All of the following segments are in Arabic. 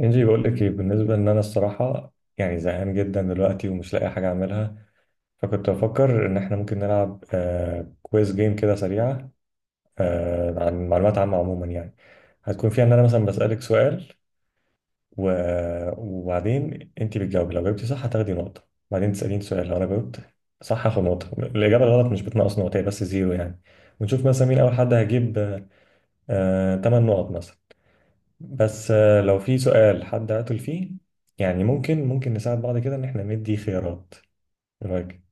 انجي، بقول لك ايه؟ بالنسبه ان انا الصراحه يعني زهقان جدا دلوقتي، ومش لاقي حاجه اعملها. فكنت بفكر ان احنا ممكن نلعب كويز جيم كده سريعه، عن معلومات عامه عموما يعني. هتكون فيها ان انا مثلا بسالك سؤال، و... وبعدين انت بتجاوبي. لو جاوبتي صح هتاخدي نقطه. بعدين تساليني سؤال، لو انا جاوبت صح هاخد نقطه. الاجابه الغلط مش بتنقص نقطه، هي بس زيرو يعني. ونشوف مثلا مين اول حد هيجيب 8، تمن نقط مثلا. بس، لو في سؤال حد قتل فيه، يعني ممكن نساعد بعض كده، ان احنا ندي خيارات. إيه رايك؟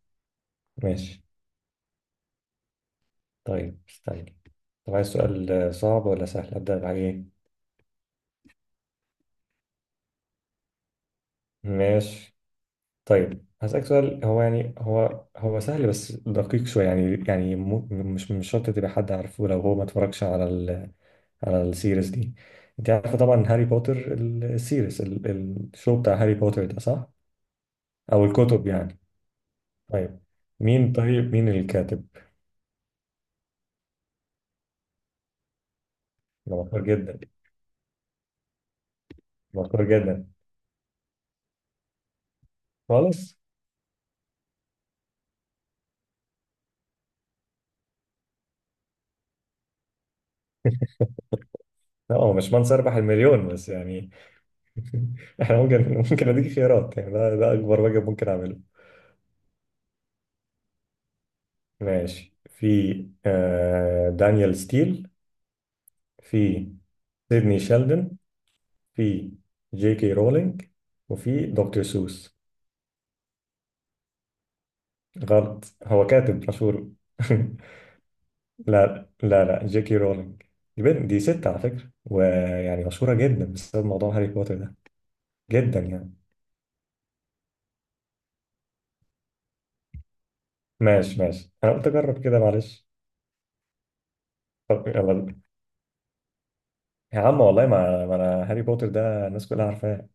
ماشي. طيب استني. طب عايز سؤال صعب ولا سهل؟ ابدا بحاجه ايه؟ ماشي. طيب هسألك سؤال. هو يعني هو هو سهل بس دقيق شويه يعني مش شرط تبقى حد عارفه، لو هو ما اتفرجش على السيريز دي. انت عارفه طبعا هاري بوتر، الشو بتاع هاري بوتر ده، صح؟ او الكتب يعني. طيب مين، طيب مين الكاتب؟ ده مشهور جدا، مشهور جدا خالص. لا، هو مش منصب ربح المليون بس يعني. احنا ممكن، ممكن اديك خيارات يعني. ده اكبر واجب ممكن اعمله. ماشي. في دانيال ستيل، في سيدني شيلدن، في جي كي رولينج، وفي دكتور سوس. غلط، هو كاتب مشهور. لا لا لا، جي كي رولينج. دي بنت، دي ست على فكرة، ويعني مشهورة جدا بسبب موضوع هاري بوتر ده، جدا يعني. ماشي ماشي، انا قلت اجرب كده معلش. طب يلا. يا عم والله، ما انا هاري بوتر ده الناس كلها عارفاه.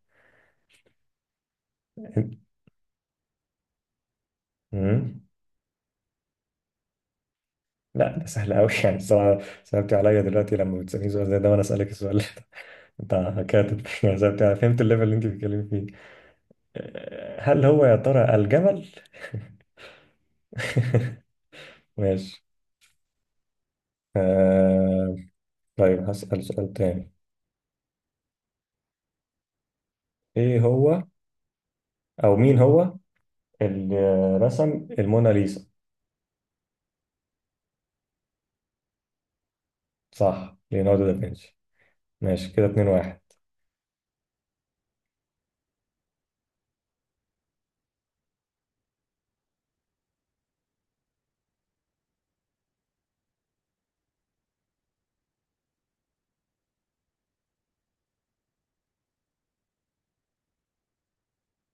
أمم. لا، ده سهل قوي. يعني الصراحه صعبت عليا دلوقتي، لما بتسالني سؤال زي ده وانا اسالك السؤال ده. انت كاتب يعني، صعبت عليا. فهمت الليفل اللي انت بتتكلمي فيه. هل هو يا ترى الجمل؟ ماشي. أه... طيب هسأل سؤال تاني. ايه هو، او مين هو، اللي رسم الموناليزا؟ صح، ليوناردو دافنشي. ماشي كده، 2-1.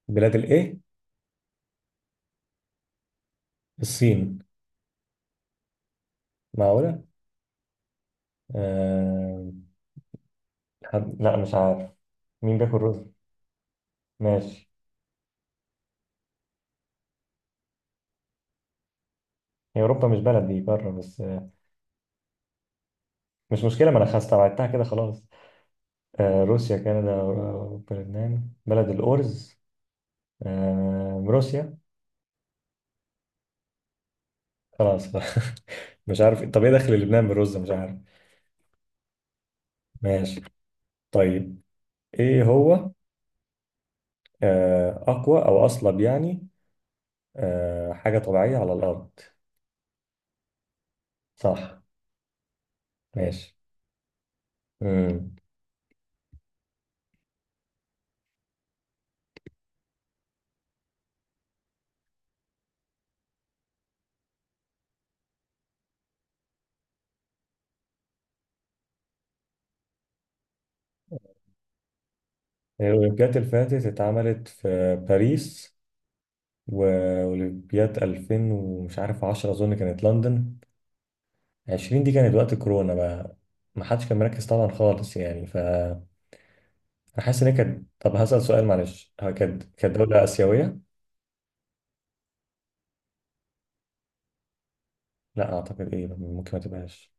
بلاد الايه؟ الصين؟ معقولة؟ آه... لا، مش عارف. مين بياكل رز؟ ماشي. هي أوروبا مش بلد، دي قارة بس، مش مشكلة، ما أنا خلاص استبعدتها كده خلاص. روسيا، كندا، أوروبا، لبنان بلد الأرز. روسيا. خلاص. مش عارف، طب إيه دخل لبنان بالرز، مش عارف. ماشي. طيب، إيه هو أقوى أو أصلب يعني، حاجة طبيعية على الأرض؟ صح. ماشي. مم. الأولمبياد اللي فاتت اتعملت في باريس، وأولمبياد 2000 ومش عارف 10، أظن كانت لندن. 20 دي كانت وقت كورونا بقى، ما حدش كان مركز طبعا خالص يعني، ف أنا حاسس إن هي كانت. طب هسأل سؤال معلش، هي كانت دولة آسيوية؟ لا أعتقد إيه، ممكن ما تبقاش.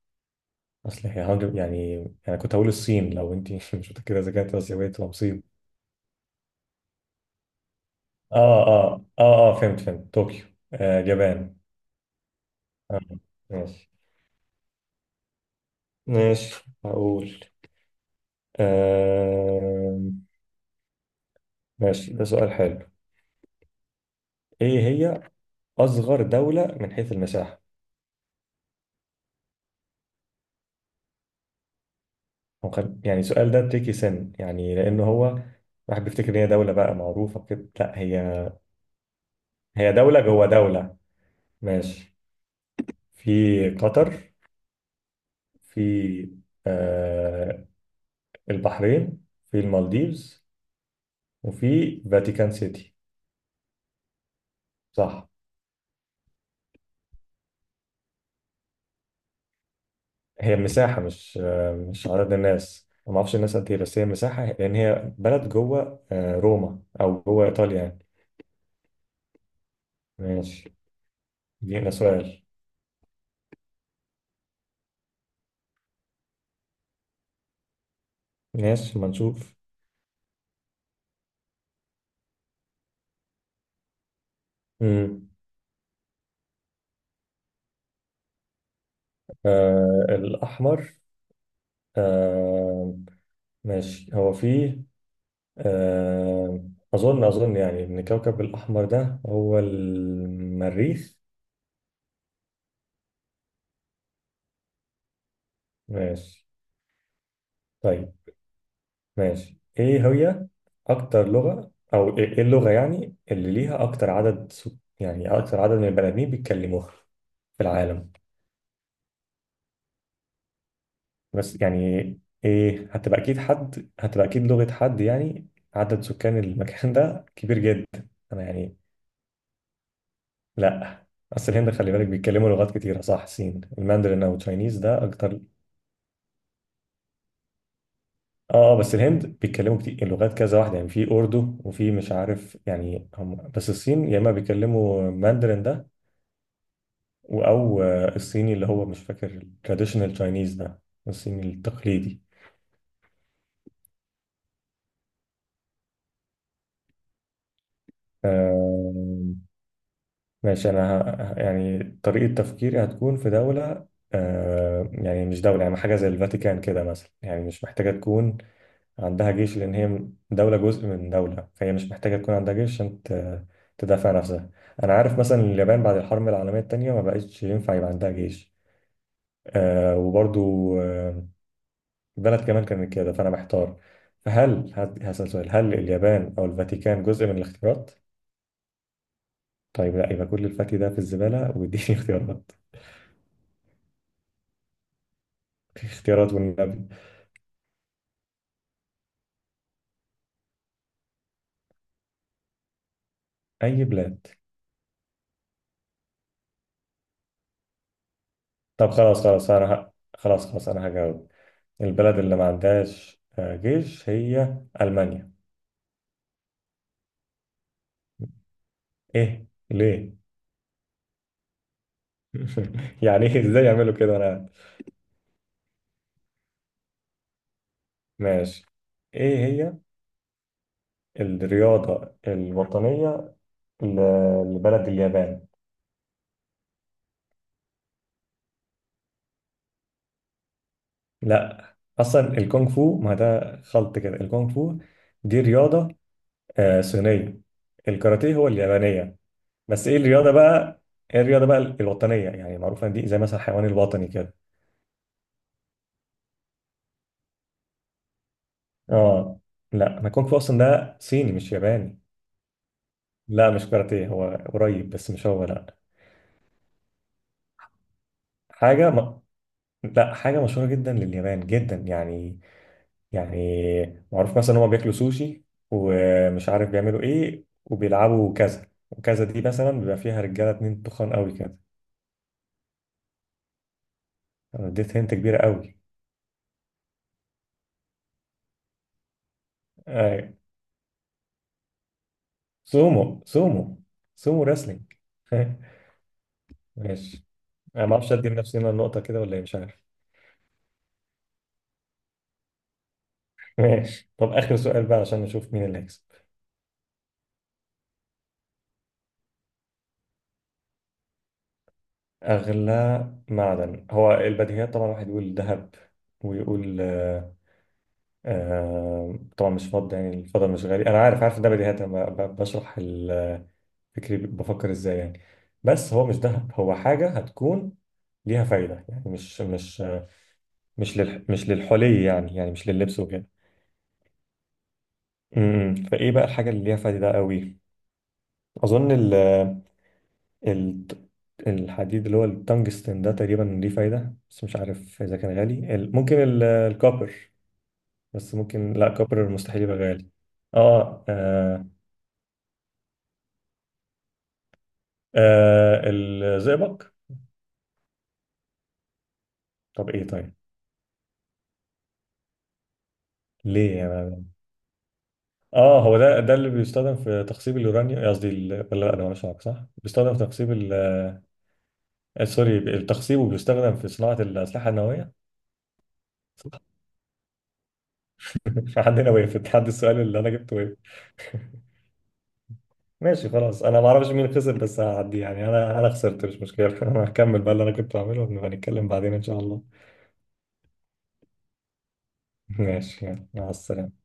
أصل هي يعني أنا كنت هقول الصين، لو أنت مش متأكدة إذا كانت آسيوية تبقى مصيبة. آه فهمت فهمت، طوكيو، اليابان. آه. ماشي. ماشي هقول آه... ماشي، ده سؤال حلو. ايه هي أصغر دولة من حيث المساحة؟ هو يعني السؤال ده تريكي سن يعني، لأنه هو الواحد بيفتكر إن هي دولة بقى معروفة كده، لا هي هي دولة جوه دولة. ماشي. في قطر، في آه البحرين، في المالديفز، وفي فاتيكان سيتي. صح. هي مساحة، مش عدد الناس. ما أعرفش الناس قد إيه، بس هي مساحة، لأن هي بلد جوه روما أو جوه إيطاليا يعني. ماشي. دينا سؤال. ماشي، ما نشوف. مم. الأحمر. آه ماشي. هو فيه آه أظن يعني إن كوكب الأحمر ده هو المريخ. ماشي. طيب ماشي. إيه هي أكتر لغة، أو إيه اللغة يعني اللي ليها أكتر عدد يعني أكتر عدد من البني آدمين بيتكلموها في العالم؟ بس يعني إيه؟ هتبقى أكيد حد، هتبقى أكيد لغة حد يعني عدد سكان المكان ده كبير جدا، أنا يعني. لا، اصل الهند خلي بالك بيتكلموا لغات كتيره، صح؟ صين الماندرين او تشاينيز ده اكتر. اه اه، بس الهند بيتكلموا كتير، لغات كذا واحده يعني، في اردو وفي مش عارف يعني هم. بس الصين يا اما بيتكلموا ماندرين ده او الصيني اللي هو مش فاكر، التراديشنال تشاينيز ده، الصيني التقليدي. آه ماشي. انا يعني طريقه تفكيري هتكون في دوله، يعني مش دوله، يعني حاجه زي الفاتيكان كده مثلا، يعني مش محتاجه تكون عندها جيش، لأن هي دولة جزء من دولة، فهي مش محتاجة تكون عندها جيش عشان تدافع نفسها. أنا عارف مثلا، اليابان بعد الحرب العالمية التانية ما بقتش ينفع يبقى عندها جيش. وبرضو آه البلد كمان كانت كده، فأنا محتار. فهل هسأل سؤال، هل اليابان أو الفاتيكان جزء من الاختيارات؟ طيب لا، يبقى كل الفتي ده في الزبالة. واديني اختيارات. اختيارات والنبي. أي بلاد. طب خلاص خلاص، أنا خلاص خلاص أنا هجاوب. البلد اللي ما عندهاش جيش هي ألمانيا. ايه ليه؟ يعني ايه، ازاي يعملوا كده، انا. ماشي. ايه هي الرياضة الوطنية لبلد اليابان؟ لا، اصلا الكونغ فو، ما ده خلط كده. الكونغ فو دي رياضة صينية. الكاراتيه هو اليابانية. بس ايه الرياضة بقى، ايه الرياضة بقى الوطنية، يعني معروفة دي زي مثلا الحيوان الوطني كده. اه، لا ما الكونغ فو اصلا ده صيني مش ياباني. لا مش كاراتيه، هو قريب بس مش هو، لا. حاجة، لا حاجة مشهورة جدا لليابان، جدا يعني. يعني معروف مثلا هما بياكلوا سوشي، ومش عارف بيعملوا ايه وبيلعبوا كذا وكذا، دي مثلا بيبقى فيها رجالة اتنين تخان قوي كده. أنا اديت هنت كبيرة قوي. آه. سومو، سومو. سومو رسلينج. ماشي. انا ما اعرفش ادي لنفسي هنا النقطة كده ولا ايه، مش عارف. ماشي، طب اخر سؤال بقى عشان نشوف مين اللي هيكسب. اغلى معدن هو البديهيات طبعا، واحد يقول ذهب، ويقول طبعا مش فاضي يعني، الفضاء مش غالي، انا عارف عارف ده بديهيات، انا بشرح فكري، بفكر ازاي يعني. بس هو مش دهب، هو حاجه هتكون ليها فايده يعني، مش للحلي يعني مش لللبس وكده. امم فايه بقى الحاجه اللي ليها فايده قوي؟ اظن ال ال الحديد اللي هو التنجستن ده تقريبا ليه فايده، بس مش عارف اذا كان غالي. ممكن الكوبر، بس ممكن لا، كوبر مستحيل يبقى غالي. اه آه. الزئبق. طب ايه؟ طيب. ليه يعني؟ اه، هو ده، اللي بيستخدم في تخصيب اليورانيوم، قصدي ولا لا، ده مالوش علاقه، صح بيستخدم في تخصيب سوري، التخصيب، وبيستخدم في صناعه الاسلحه النوويه. صح؟ حد هنا وقف، حد السؤال اللي انا جبته وقف. ماشي خلاص، انا ما اعرفش مين خسر، بس هعدي يعني. انا خسرت، مش مشكله. انا هكمل بقى اللي انا كنت بعمله، ونبقى نتكلم بعدين ان شاء الله. ماشي، يلا مع السلامه.